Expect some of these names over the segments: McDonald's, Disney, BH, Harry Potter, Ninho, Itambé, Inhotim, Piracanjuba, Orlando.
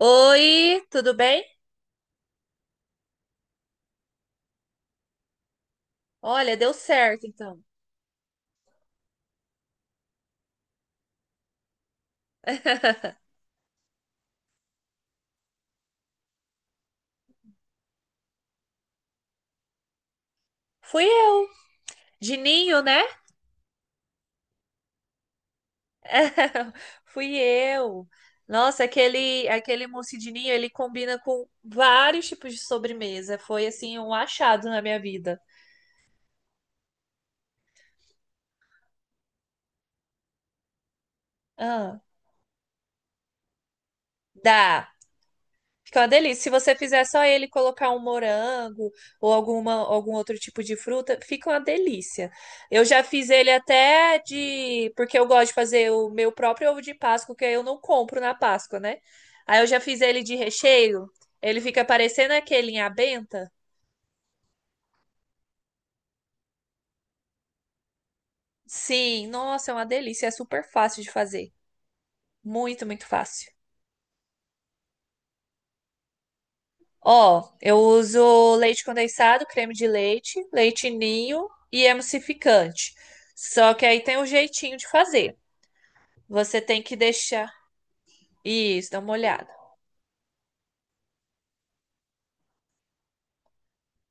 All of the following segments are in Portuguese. Oi, tudo bem? Olha, deu certo então. Fui eu, de ninho, né? Fui eu. Nossa, aquele mousse de ninho, ele combina com vários tipos de sobremesa. Foi assim um achado na minha vida. Ah, dá. Fica uma delícia. Se você fizer só ele e colocar um morango ou algum outro tipo de fruta, fica uma delícia. Eu já fiz ele até de. Porque eu gosto de fazer o meu próprio ovo de Páscoa, que eu não compro na Páscoa, né? Aí eu já fiz ele de recheio. Ele fica parecendo aquele em abenta. Sim, nossa, é uma delícia. É super fácil de fazer. Muito, muito fácil. Ó, eu uso leite condensado, creme de leite, leite ninho e emulsificante. Só que aí tem um jeitinho de fazer. Você tem que deixar. Isso, dá uma olhada.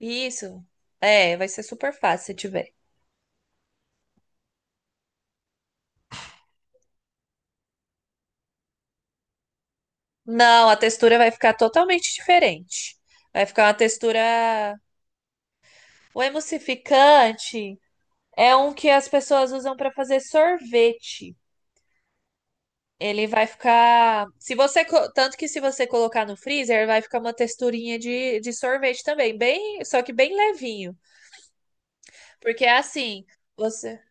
Isso. É, vai ser super fácil se tiver. Não, a textura vai ficar totalmente diferente. Vai ficar uma textura. O emulsificante é um que as pessoas usam para fazer sorvete. Ele vai ficar. Se você. Tanto que se você colocar no freezer, vai ficar uma texturinha de sorvete também. Bem, só que bem levinho. Porque é assim, você.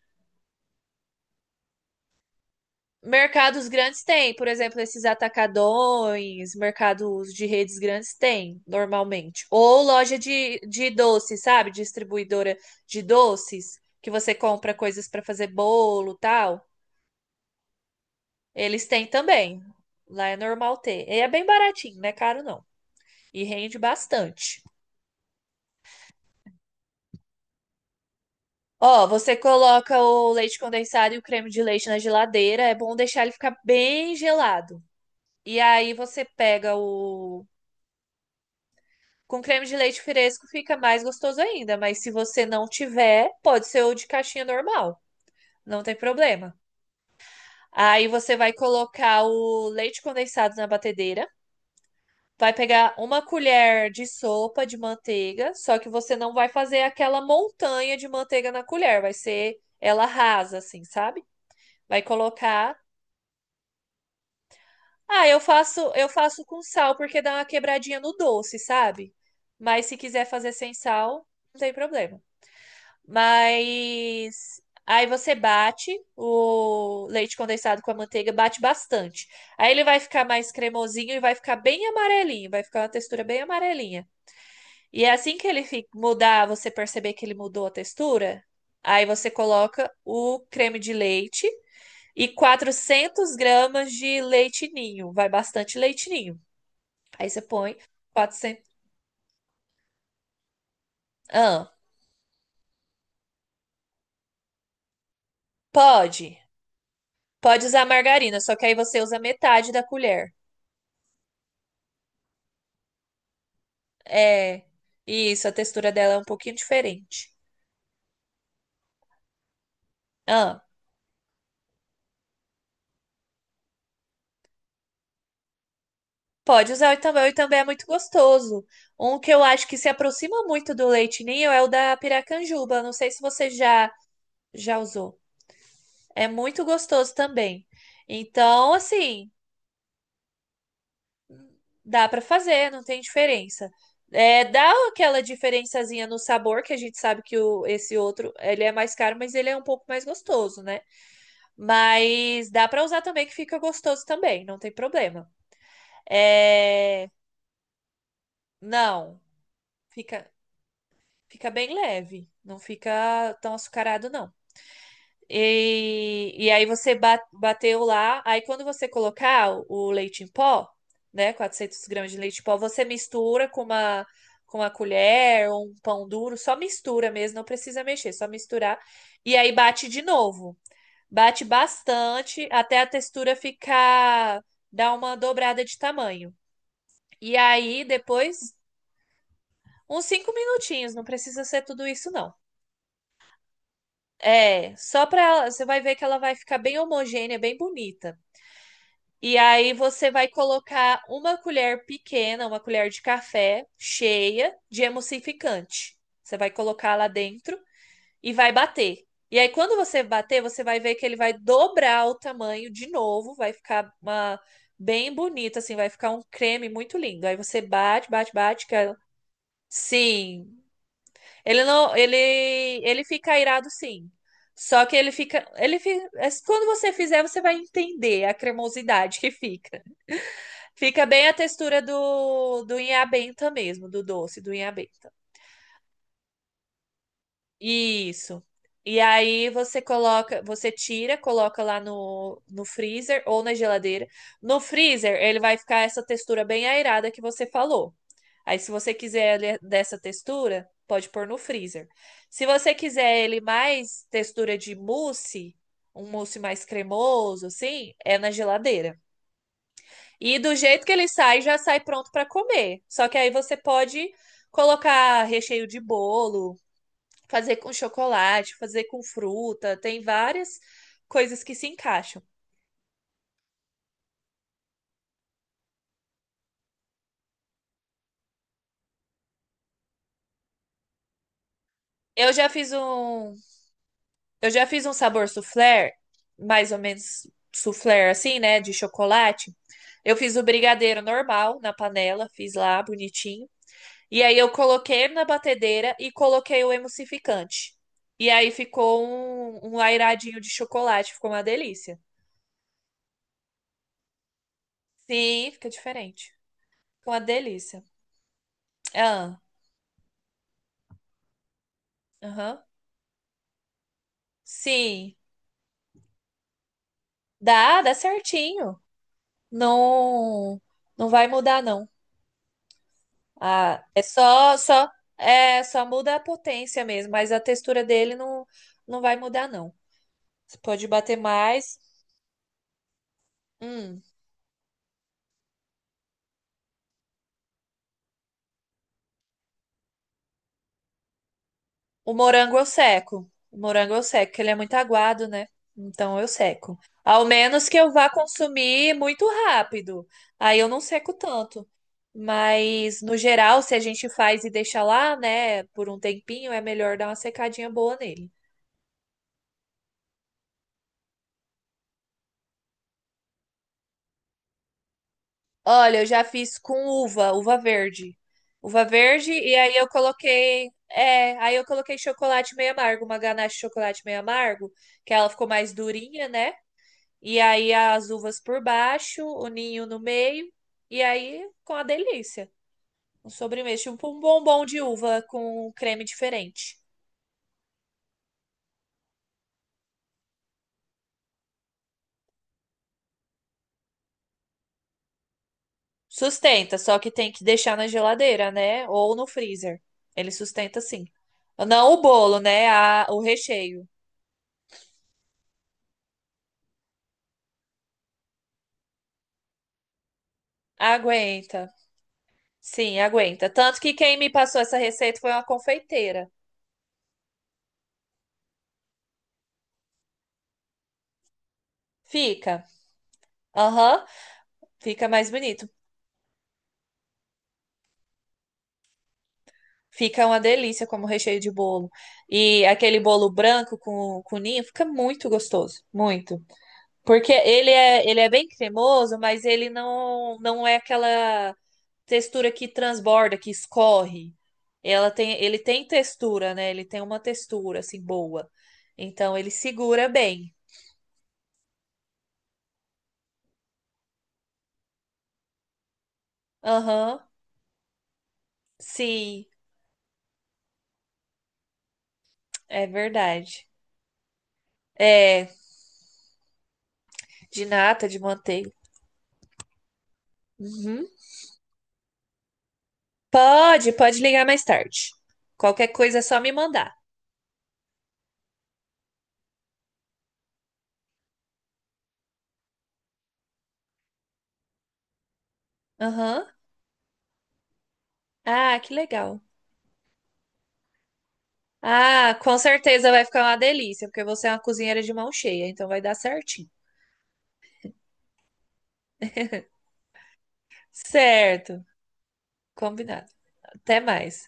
Mercados grandes têm, por exemplo, esses atacadões, mercados de redes grandes têm, normalmente. Ou loja de doces, sabe? Distribuidora de doces, que você compra coisas para fazer bolo, tal. Eles têm também. Lá é normal ter. E é bem baratinho, não é caro não. E rende bastante. Ó, você coloca o leite condensado e o creme de leite na geladeira. É bom deixar ele ficar bem gelado. E aí você pega o. Com creme de leite fresco fica mais gostoso ainda, mas se você não tiver, pode ser o de caixinha normal, não tem problema. Aí você vai colocar o leite condensado na batedeira, vai pegar uma colher de sopa de manteiga, só que você não vai fazer aquela montanha de manteiga na colher, vai ser ela rasa assim, sabe? Vai colocar. Ah, eu faço com sal porque dá uma quebradinha no doce, sabe? Mas se quiser fazer sem sal, não tem problema. Mas aí você bate o leite condensado com a manteiga, bate bastante. Aí ele vai ficar mais cremosinho e vai ficar bem amarelinho, vai ficar uma textura bem amarelinha. E é assim que ele mudar, você perceber que ele mudou a textura, aí você coloca o creme de leite e 400 gramas de leite ninho, vai bastante leite ninho. Aí você põe 400. Ah, pode. Pode usar margarina, só que aí você usa metade da colher. É. Isso, a textura dela é um pouquinho diferente. Ah, pode usar o Itambé. O Itambé é muito gostoso. Um que eu acho que se aproxima muito do leite ninho é o da Piracanjuba. Não sei se você já usou. É muito gostoso também. Então, assim. Dá pra fazer, não tem diferença. É, dá aquela diferençazinha no sabor, que a gente sabe que esse outro, ele é mais caro, mas ele é um pouco mais gostoso, né? Mas dá pra usar também, que fica gostoso também, não tem problema. É, não, fica, fica bem leve, não fica tão açucarado, não. E aí você bateu lá. Aí quando você colocar o leite em pó, né, 400 gramas de leite em pó, você mistura com uma colher ou um pão duro, só mistura mesmo, não precisa mexer, só misturar. E aí bate de novo. Bate bastante até a textura ficar dar uma dobrada de tamanho. E aí depois uns cinco minutinhos, não precisa ser tudo isso não. É, só pra. Você vai ver que ela vai ficar bem homogênea, bem bonita. E aí você vai colocar uma colher pequena, uma colher de café cheia de emulsificante. Você vai colocar lá dentro e vai bater. E aí quando você bater, você vai ver que ele vai dobrar o tamanho de novo, vai ficar uma bem bonito assim, vai ficar um creme muito lindo. Aí você bate, bate, bate, sim, ele não, ele fica irado sim. Só que ele fica, é, quando você fizer, você vai entender a cremosidade que fica. Fica bem a textura do inhabenta mesmo, do doce do inhabenta. Isso. E aí você coloca, você tira, coloca lá no freezer ou na geladeira. No freezer, ele vai ficar essa textura bem aerada que você falou. Aí, se você quiser ele dessa textura, pode pôr no freezer. Se você quiser ele mais textura de mousse, um mousse mais cremoso, assim, é na geladeira. E do jeito que ele sai, já sai pronto para comer. Só que aí você pode colocar recheio de bolo, fazer com chocolate, fazer com fruta, tem várias coisas que se encaixam. Eu já fiz um, eu já fiz um sabor soufflé, mais ou menos soufflé assim, né, de chocolate. Eu fiz o brigadeiro normal na panela, fiz lá bonitinho. E aí eu coloquei na batedeira e coloquei o emulsificante. E aí ficou um lairadinho de chocolate, ficou uma delícia. Sim, fica diferente. Ficou uma delícia. Ah, aham. Sim. Dá, dá certinho. Não, não vai mudar, não. Ah, é só muda a potência mesmo, mas a textura dele não, não vai mudar, não. Você pode bater mais. Hum, o morango eu seco. O morango eu seco, porque ele é muito aguado, né? Então eu seco. Ao menos que eu vá consumir muito rápido. Aí eu não seco tanto. Mas, no geral, se a gente faz e deixa lá, né, por um tempinho, é melhor dar uma secadinha boa nele. Olha, eu já fiz com uva, uva verde. Uva verde, e aí eu coloquei. É, aí eu coloquei chocolate meio amargo, uma ganache de chocolate meio amargo, que ela ficou mais durinha, né? E aí as uvas por baixo, o ninho no meio, e aí com a delícia. Um sobremesa, tipo um bombom de uva com creme diferente. Sustenta, só que tem que deixar na geladeira, né? Ou no freezer. Ele sustenta sim. Não o bolo, né? A, o recheio. Aguenta. Sim, aguenta. Tanto que quem me passou essa receita foi uma confeiteira. Fica. Aham, fica mais bonito. Fica uma delícia como recheio de bolo. E aquele bolo branco com ninho fica muito gostoso, muito. Porque ele é bem cremoso, mas ele não, não é aquela textura que transborda, que escorre. Ela tem, ele tem textura, né? Ele tem uma textura assim boa. Então ele segura bem. Aham, sim, é verdade. É, de nata, de manteiga. Uhum. Pode, pode ligar mais tarde. Qualquer coisa é só me mandar. Aham. Ah, que legal. Ah, com certeza vai ficar uma delícia, porque você é uma cozinheira de mão cheia, então vai dar certinho. Certo, combinado. Até mais.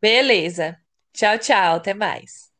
Beleza. Tchau, tchau. Até mais.